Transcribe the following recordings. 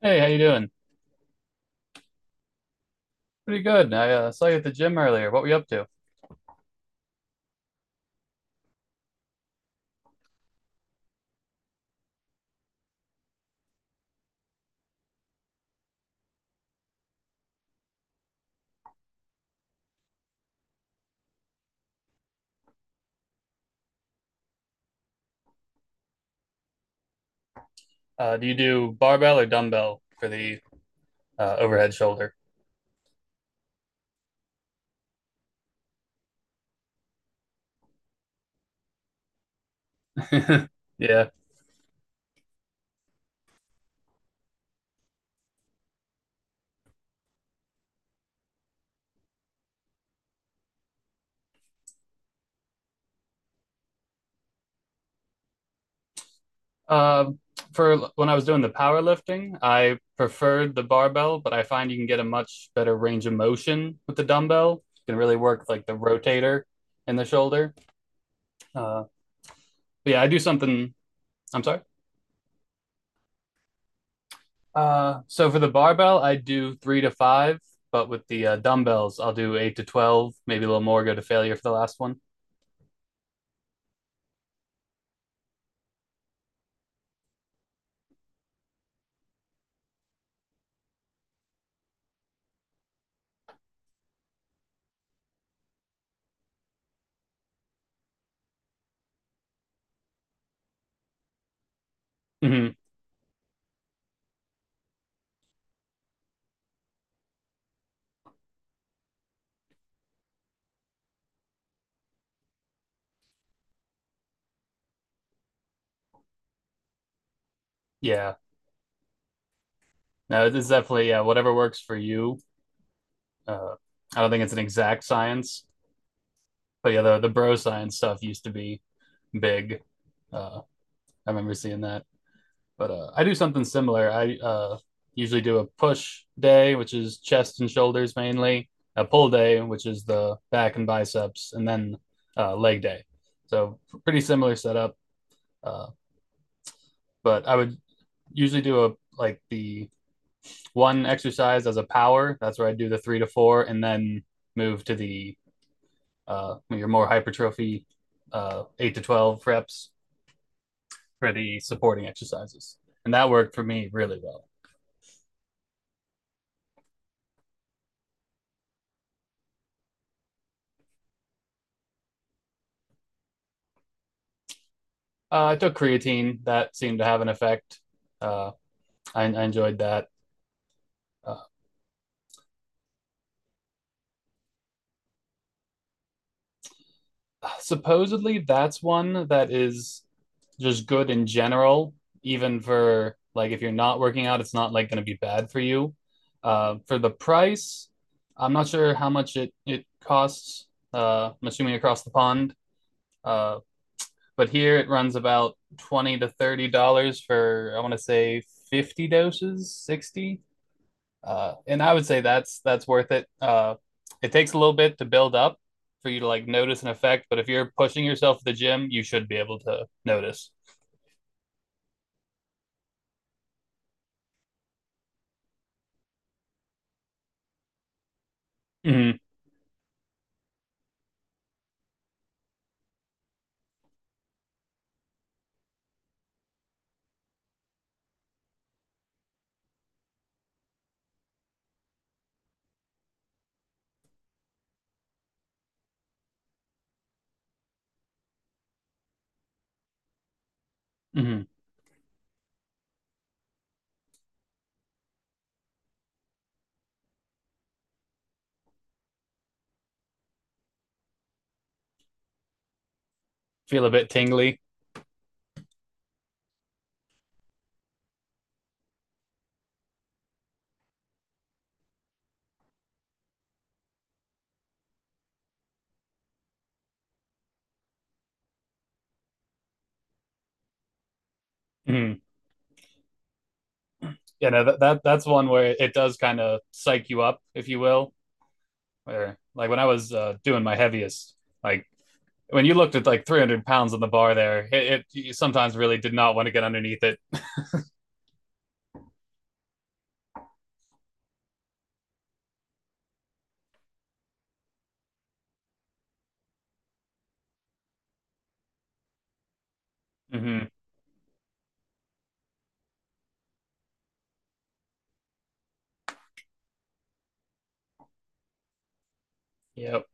Hey, how you doing? Pretty good. I saw you at the gym earlier. What were you up to? Do you do barbell or dumbbell for the overhead shoulder? Yeah. Um, for when I was doing the powerlifting, I preferred the barbell, but I find you can get a much better range of motion with the dumbbell. You can really work like the rotator in the shoulder. Uh, but yeah, I do something. I'm sorry. So for the barbell, I do three to five, but with the dumbbells, I'll do eight to 12, maybe a little more, go to failure for the last one. Hmm. Yeah. No, it's definitely, yeah, whatever works for you. Uh, I don't think it's an exact science, but yeah, the bro science stuff used to be big. Uh, I remember seeing that. But I do something similar. I usually do a push day, which is chest and shoulders mainly, a pull day, which is the back and biceps, and then leg day. So pretty similar setup. Uh, but I would usually do a like the one exercise as a power. That's where I do the three to four, and then move to the your more hypertrophy 8 to 12 reps for the supporting exercises, and that worked for me really well. I took creatine. That seemed to have an effect. Uh, I enjoyed that. Uh, supposedly that's one that is just good in general, even for like if you're not working out, it's not like going to be bad for you. For the price, I'm not sure how much it costs. I'm assuming across the pond, uh, but here it runs about $20 to $30 for I want to say 50 doses, 60. And I would say that's worth it. It takes a little bit to build up for you to like notice an effect, but if you're pushing yourself at the gym, you should be able to notice. Mm-hmm. Mm-hmm. Feel a bit tingly. Mm-hmm. You know that's one where it does kind of psych you up, if you will. Where like when I was doing my heaviest, like when you looked at like 300 pounds on the bar there, it you sometimes really did not want to get underneath it. Mm-hmm. Yep,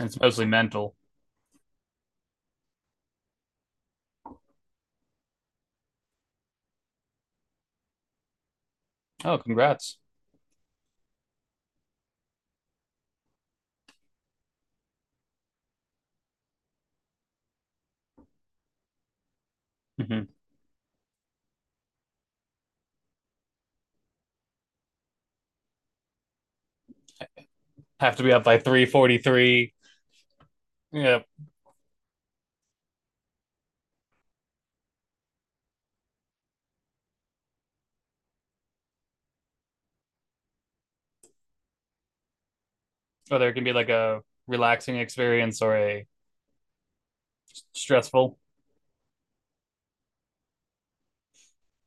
it's mostly mental. Oh, congrats. Mm-hmm. Have to be up by 3:43. You know or there can be like a relaxing experience or a stressful,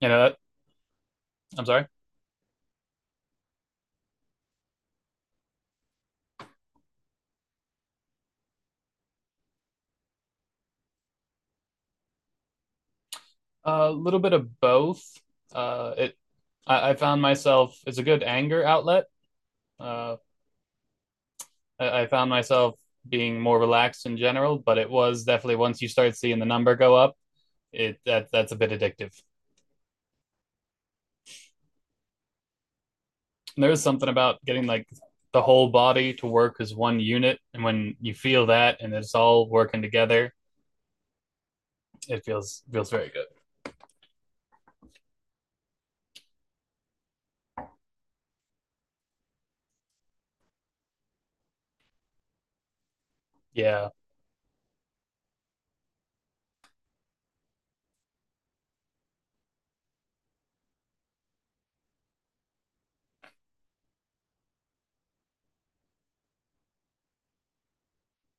that. I'm sorry. A little bit of both. Uh it i, I found myself, it's a good anger outlet. Uh I, I found myself being more relaxed in general, but it was definitely once you start seeing the number go up, it that that's a bit addictive. And there is something about getting like the whole body to work as one unit, and when you feel that and it's all working together, it feels very good. Yeah,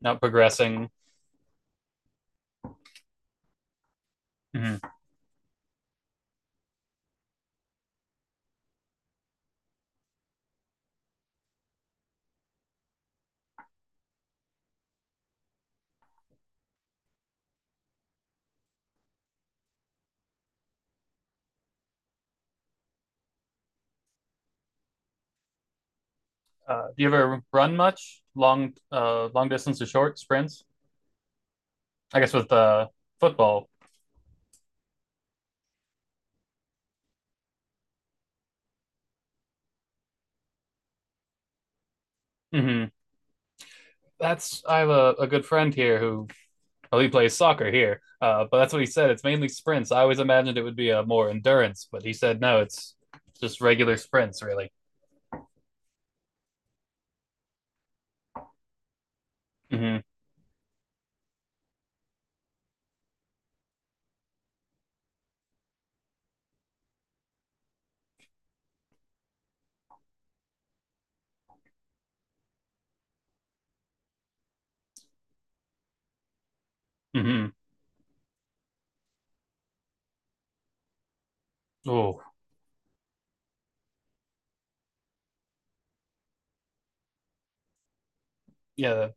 not progressing. Mhm. Do you ever run much long, long distance or short sprints? I guess with football. Hmm That's I have a good friend here who, well, he plays soccer here, but that's what he said. It's mainly sprints. I always imagined it would be a more endurance, but he said no, it's just regular sprints, really. Hmm. Hmm. Oh, yeah,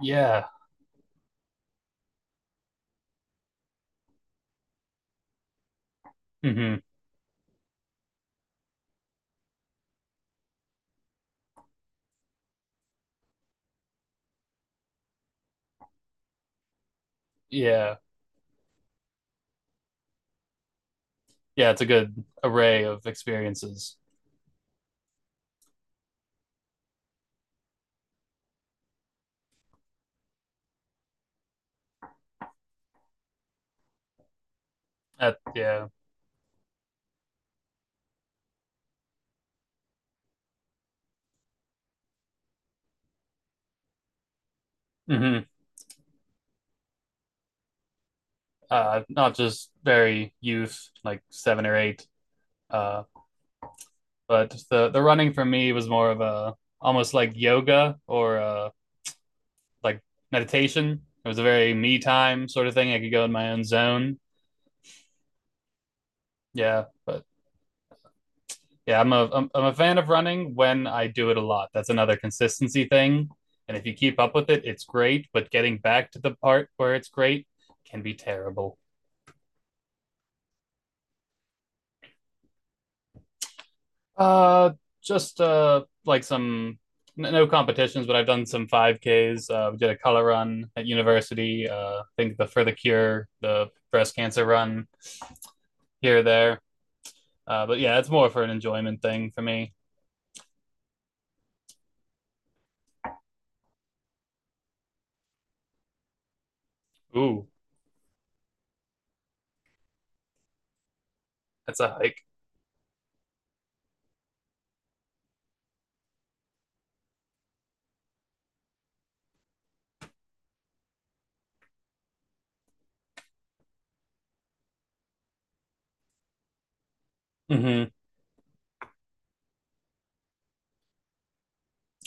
yeah. Hmm, yeah, yeah. It's a good array of experiences. At Yeah. hmm not just very youth, like 7 or 8. Uh, but the running for me was more of a almost like yoga or like meditation. It was a very me time sort of thing. I could go in my own zone. Yeah, but yeah, I'm a fan of running when I do it a lot. That's another consistency thing. And if you keep up with it, it's great. But getting back to the part where it's great can be terrible. Uh, just like some no competitions, but I've done some 5Ks. We did a color run at university. I think the For the Cure, the breast cancer run here there. But yeah, it's more for an enjoyment thing for me. Ooh, that's a hike. Mm-hmm.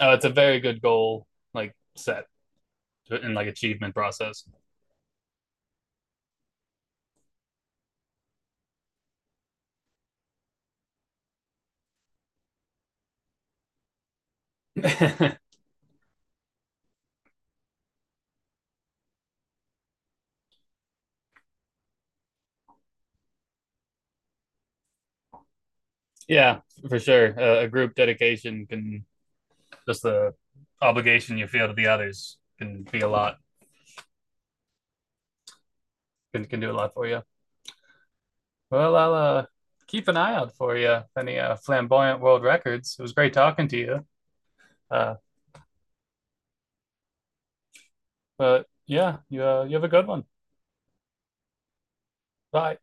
Oh, it's a very good goal, like set and like achievement process. Yeah, for sure. A group dedication can, just the obligation you feel to the others can be a lot, can do a lot for you. Well, I'll keep an eye out for you. Any flamboyant world records. It was great talking to you. Uh, but yeah, you have a good one. Bye.